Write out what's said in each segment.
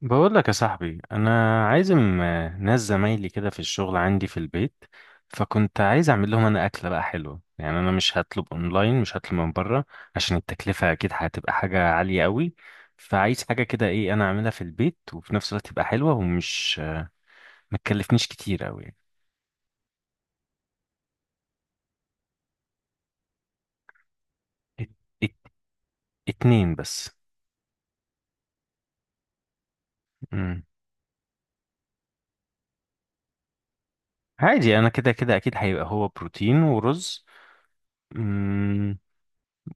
بقول لك يا صاحبي، انا عازم ناس زمايلي كده في الشغل عندي في البيت. فكنت عايز اعمل لهم انا اكله بقى حلوه. يعني انا مش هطلب اونلاين، مش هطلب من بره عشان التكلفه اكيد هتبقى حاجه عاليه قوي. فعايز حاجه كده، ايه، انا اعملها في البيت وفي نفس الوقت تبقى حلوه ومش ما تكلفنيش كتير قوي يعني. ات- ات- اتنين بس. مم. عادي، انا كده كده اكيد هيبقى هو بروتين ورز،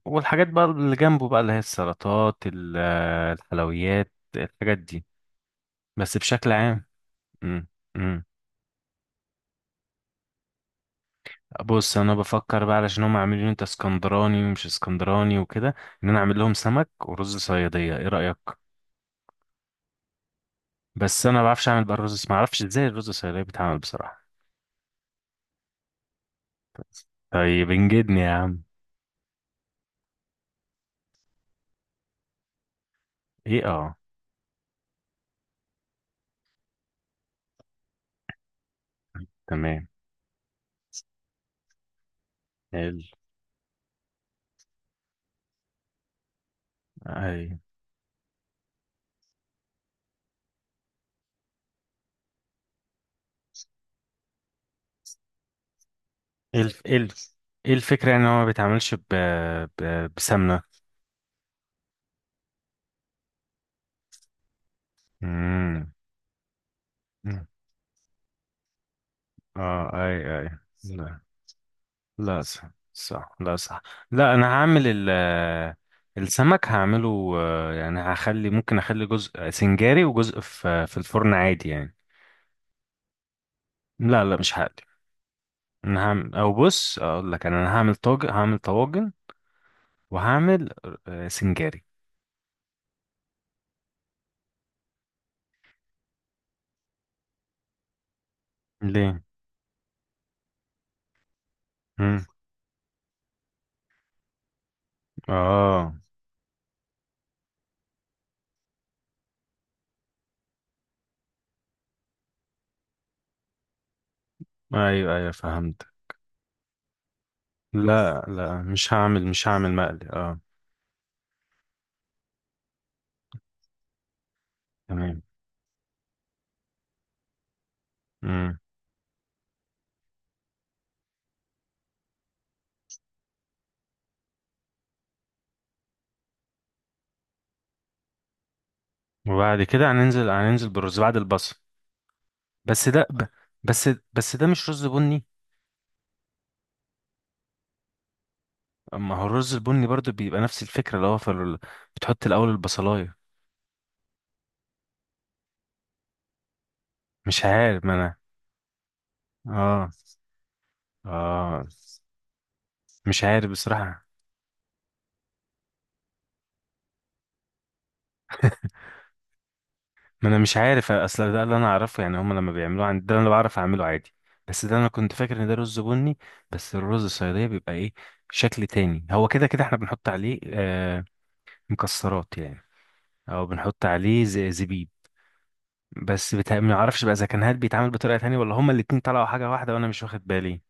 والحاجات بقى اللي جنبه، بقى اللي هي السلطات، الحلويات، الحاجات دي، بس بشكل عام. امم امم بص، انا بفكر بقى، علشان هم عاملين إيه، انت اسكندراني ومش اسكندراني وكده، ان انا اعمل لهم سمك ورز صياديه. ايه رايك؟ بس انا ما بعرفش اعمل بقى الرز، ما اعرفش ازاي الرز الصياديه بيتعمل بصراحه. طيب انجدني يا عم. ايه، اه. تمام. ال، اي. إيه الف، إيه الف، ايه الفكره يعني ان هو ما بيتعملش بسمنه؟ امم اه، اي، اي. لا. لا صح، صح، لا صح. لا، انا هعمل ال آه، السمك هعمله، يعني هخلي، ممكن اخلي جزء سنجاري وجزء في الفرن عادي يعني. لا لا، مش هقلي. انا هعمل، او بص اقول لك، انا هعمل طاجن، هعمل طواجن. وهعمل سنجاري. ليه؟ مم. اه. ايوه ايوه فهمت. لا لا، مش هعمل، مش هعمل مقلي، اه. تمام. مم. وبعد كده هننزل، هننزل بالرز بعد البصل. بس ده ب- بس بس ده مش رز بني؟ ما هو الرز البني برضو بيبقى نفس الفكرة، اللي هو في بتحط الأول البصلاية. مش عارف، ما أنا، آه، آه، مش عارف بصراحة. ما أنا مش عارف، أصل ده اللي أنا أعرفه يعني، هما لما بيعملوه عندي ده أنا بعرف أعمله عادي. بس ده أنا كنت فاكر إن ده رز بني. بس الرز الصيادية بيبقى إيه؟ شكل تاني. هو كده كده إحنا بنحط عليه آه مكسرات يعني، أو بنحط عليه زبيب. بس ما أعرفش بقى إذا كان هاد بيتعمل بطريقة تانية ولا هما الاتنين طلعوا حاجة واحدة وأنا مش واخد بالي.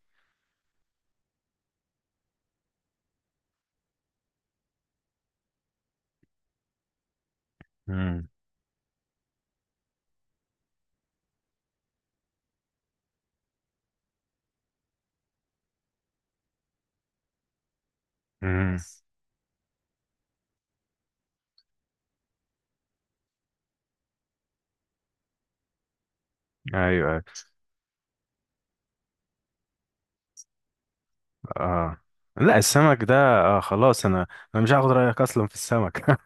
مم. مم. ايوه. أيوة. اه. لا، السمك ده، آه خلاص انا مش هاخد رايك اصلا في السمك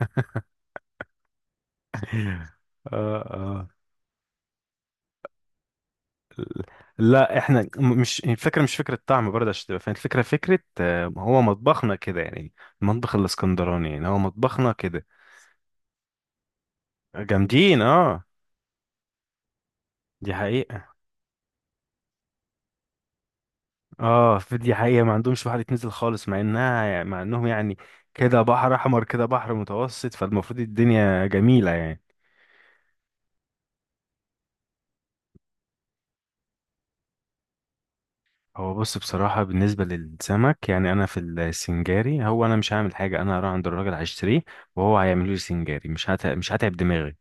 اه، اه. لا احنا، مش الفكره، مش فكره طعم برضه عشان تبقى فاهم الفكره، فكره هو مطبخنا كده يعني. المطبخ الاسكندراني يعني هو مطبخنا كده. جامدين اه. دي حقيقه. اه، في، دي حقيقه، ما عندهمش واحد يتنزل خالص، مع انها يعني، مع انهم يعني كده بحر احمر، كده بحر متوسط، فالمفروض الدنيا جميله يعني. هو بص، بصراحة، بالنسبة للسمك يعني، أنا في السنجاري هو أنا مش هعمل حاجة، أنا هروح عند الراجل هشتريه وهو هيعمله لي سنجاري، مش هتعب دماغي.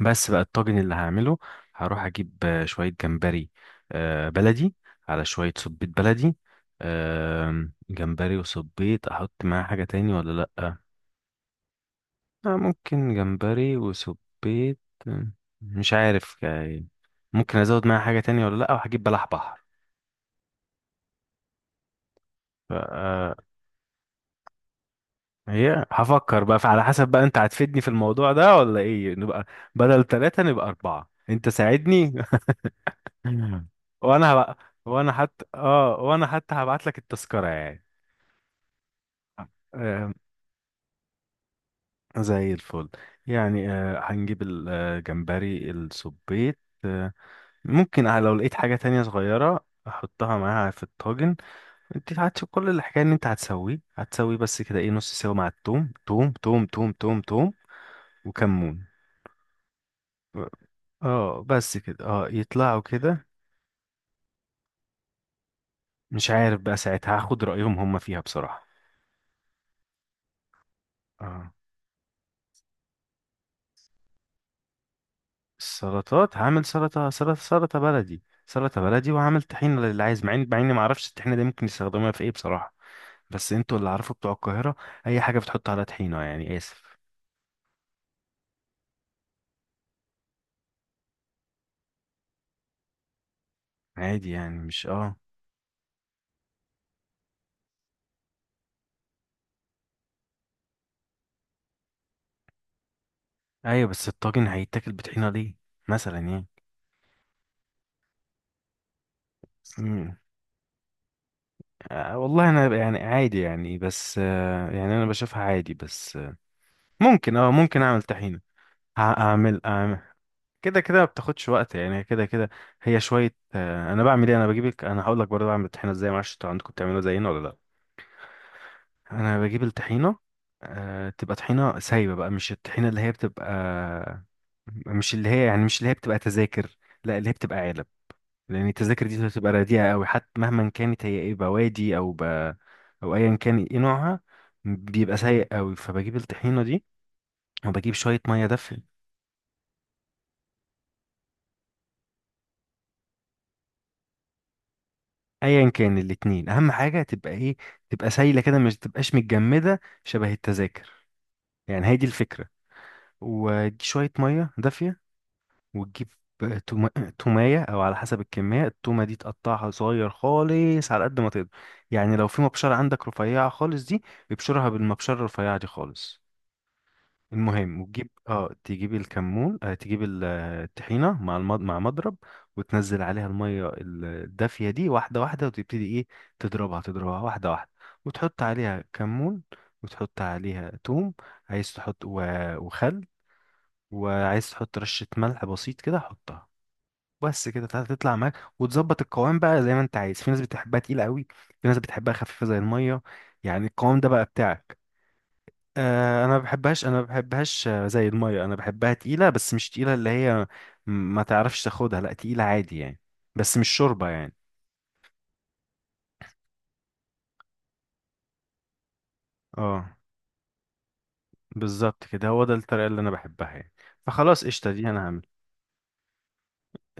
بس بقى الطاجن اللي هعمله، هروح أجيب شوية جمبري بلدي، على شوية صبيط بلدي. آم، جمبري وصبيط، أحط معاه حاجة تاني ولا لأ؟ ممكن جمبري وصبيط. آه، مش عارف يعني. ممكن أزود معاه حاجة تانية ولا لأ. وهجيب بلح بحر. هي هفكر بقى على حسب، بقى انت هتفيدني في الموضوع ده ولا ايه، نبقى بدل ثلاثة نبقى أربعة. انت ساعدني وانا هبقى، وانا حتى اه، وانا حتى هبعت لك التذكرة يعني. آه، زي الفل. يعني آه هنجيب الجمبري، السبيت، آه، ممكن لو لقيت حاجة تانية صغيرة احطها معاها في الطاجن. انت هتشوف كل الحكاية ان انت هتسويه، هتسويه بس كده، ايه، نص سوا مع التوم، توم توم توم توم توم وكمون. اه بس كده، اه يطلعوا كده. مش عارف بقى ساعتها، هاخد رأيهم هم فيها بصراحة. اه. السلطات هعمل سلطة، سلطة، سلطة بلدي، سلطة بلدي، وهعمل طحينة للي عايز، مع مع اني ما اعرفش الطحينة دي ممكن يستخدموها في ايه بصراحة، بس انتوا اللي عارفوا بتوع القاهرة. اي حاجة بتحط عليها طحينة يعني، اسف. عادي يعني، مش اه. ايوه، بس الطاجن هيتاكل بطحينة ليه مثلا يعني؟ مم. آه والله انا يعني عادي يعني، بس آه يعني انا بشوفها عادي، بس آه ممكن اه، ممكن اعمل طحينة. هعمل، كده كده ما بتاخدش وقت يعني، كده كده هي شويه. انا بعمل ايه، انا بجيبك، انا هقول لك برضه بعمل الطحينه ازاي، معرفش انتوا عندكم بتعملوها زينا ولا لا. انا بجيب الطحينه، تبقى طحينه سايبه بقى، مش الطحينه اللي هي بتبقى، مش اللي هي يعني، مش اللي هي بتبقى تذاكر، لا اللي هي بتبقى علب، لان التذاكر دي بتبقى رديئه قوي حتى، مهما كانت هي ايه، بوادي او او ايا كان ايه نوعها، بيبقى سيء قوي. فبجيب الطحينه دي، وبجيب شويه ميه دافيه. ايا كان الاتنين، اهم حاجه تبقى ايه، تبقى سايله كده، مش تبقاش متجمده شبه التذاكر، يعني هي دي الفكره. ودي شويه ميه دافيه. وتجيب توم- تومايه، او على حسب الكميه، التومه دي تقطعها صغير خالص على قد ما تقدر. يعني لو في مبشره عندك رفيعه خالص دي، ابشرها بالمبشره الرفيعه دي خالص. المهم، وتجيب اه، تجيب الكمون، آه تجيب الطحينه مع مع مضرب، وتنزل عليها الميه الدافيه دي واحده واحده، وتبتدي ايه، تضربها، تضربها واحده واحده. وتحط عليها كمون، وتحط عليها توم، عايز تحط وخل، وعايز تحط رشه ملح بسيط كده حطها. بس كده، تطلع معاك وتظبط القوام بقى زي ما انت عايز. في ناس بتحبها تقيله قوي، في ناس بتحبها خفيفه زي الميه، يعني القوام ده بقى بتاعك. انا ما بحبهاش، انا ما بحبهاش زي الميه، انا بحبها تقيله، بس مش تقيله اللي هي، ما تعرفش تاخدها، لا تقيله عادي يعني، بس مش شوربه يعني. اه بالظبط كده، هو ده الطريقه اللي انا بحبها يعني. فخلاص قشطه، دي انا هعمل.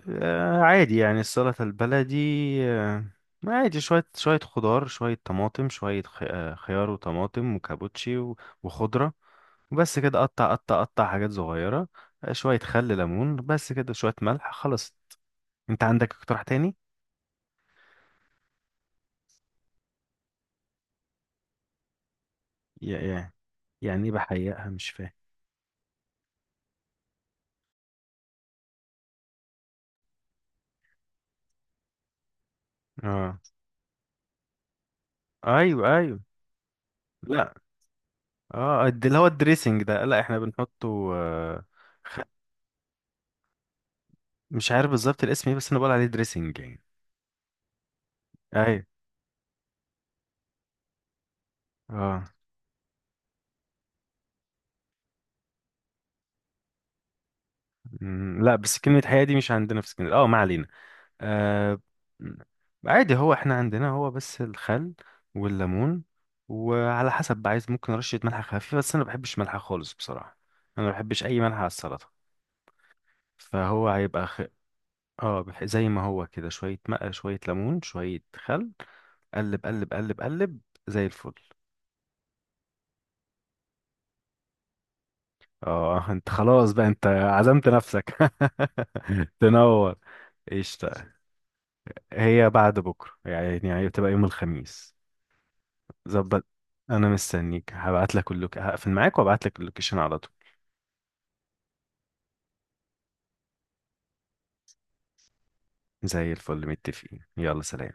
آه عادي يعني، السلطه البلدي، آه عادي، شويه، شويه خضار، شويه طماطم، شويه خ- آه، خيار وطماطم وكابوتشي وخضره، وبس كده، قطع قطع قطع، حاجات صغيره. شويه خل، ليمون، بس كده، شويه ملح، خلاص. انت عندك اقتراح تاني؟ يعني، يعني ايه بحيقها، مش فاهم. اه ايوه ايوه. لا اه، اللي هو الدريسنج ده، لا احنا بنحطه آه. مش عارف بالظبط الاسم ايه، بس انا بقول عليه دريسنج يعني. ايوه، اه. مم، لا بس كلمة حياة دي مش عندنا في اسكندرية، اه ما علينا. آه. مم. عادي، هو احنا عندنا هو بس الخل والليمون، وعلى حسب بقى عايز، ممكن رشة ملح خفيفة، بس انا ما بحبش ملح خالص بصراحة، انا ما بحبش اي ملح على السلطة، فهو هيبقى اه، زي ما هو كده، شوية ماء، شوية ليمون، شوية خل، قلب قلب قلب قلب، زي الفل. اه انت خلاص بقى، انت عزمت نفسك تنور. قشطة. هي بعد بكرة يعني، يعني بتبقى يوم الخميس. ظبط. انا مستنيك، هبعت لك اللوك، هقفل معاك وابعت لك اللوكيشن على طول. زي الفل، متفقين، يلا سلام.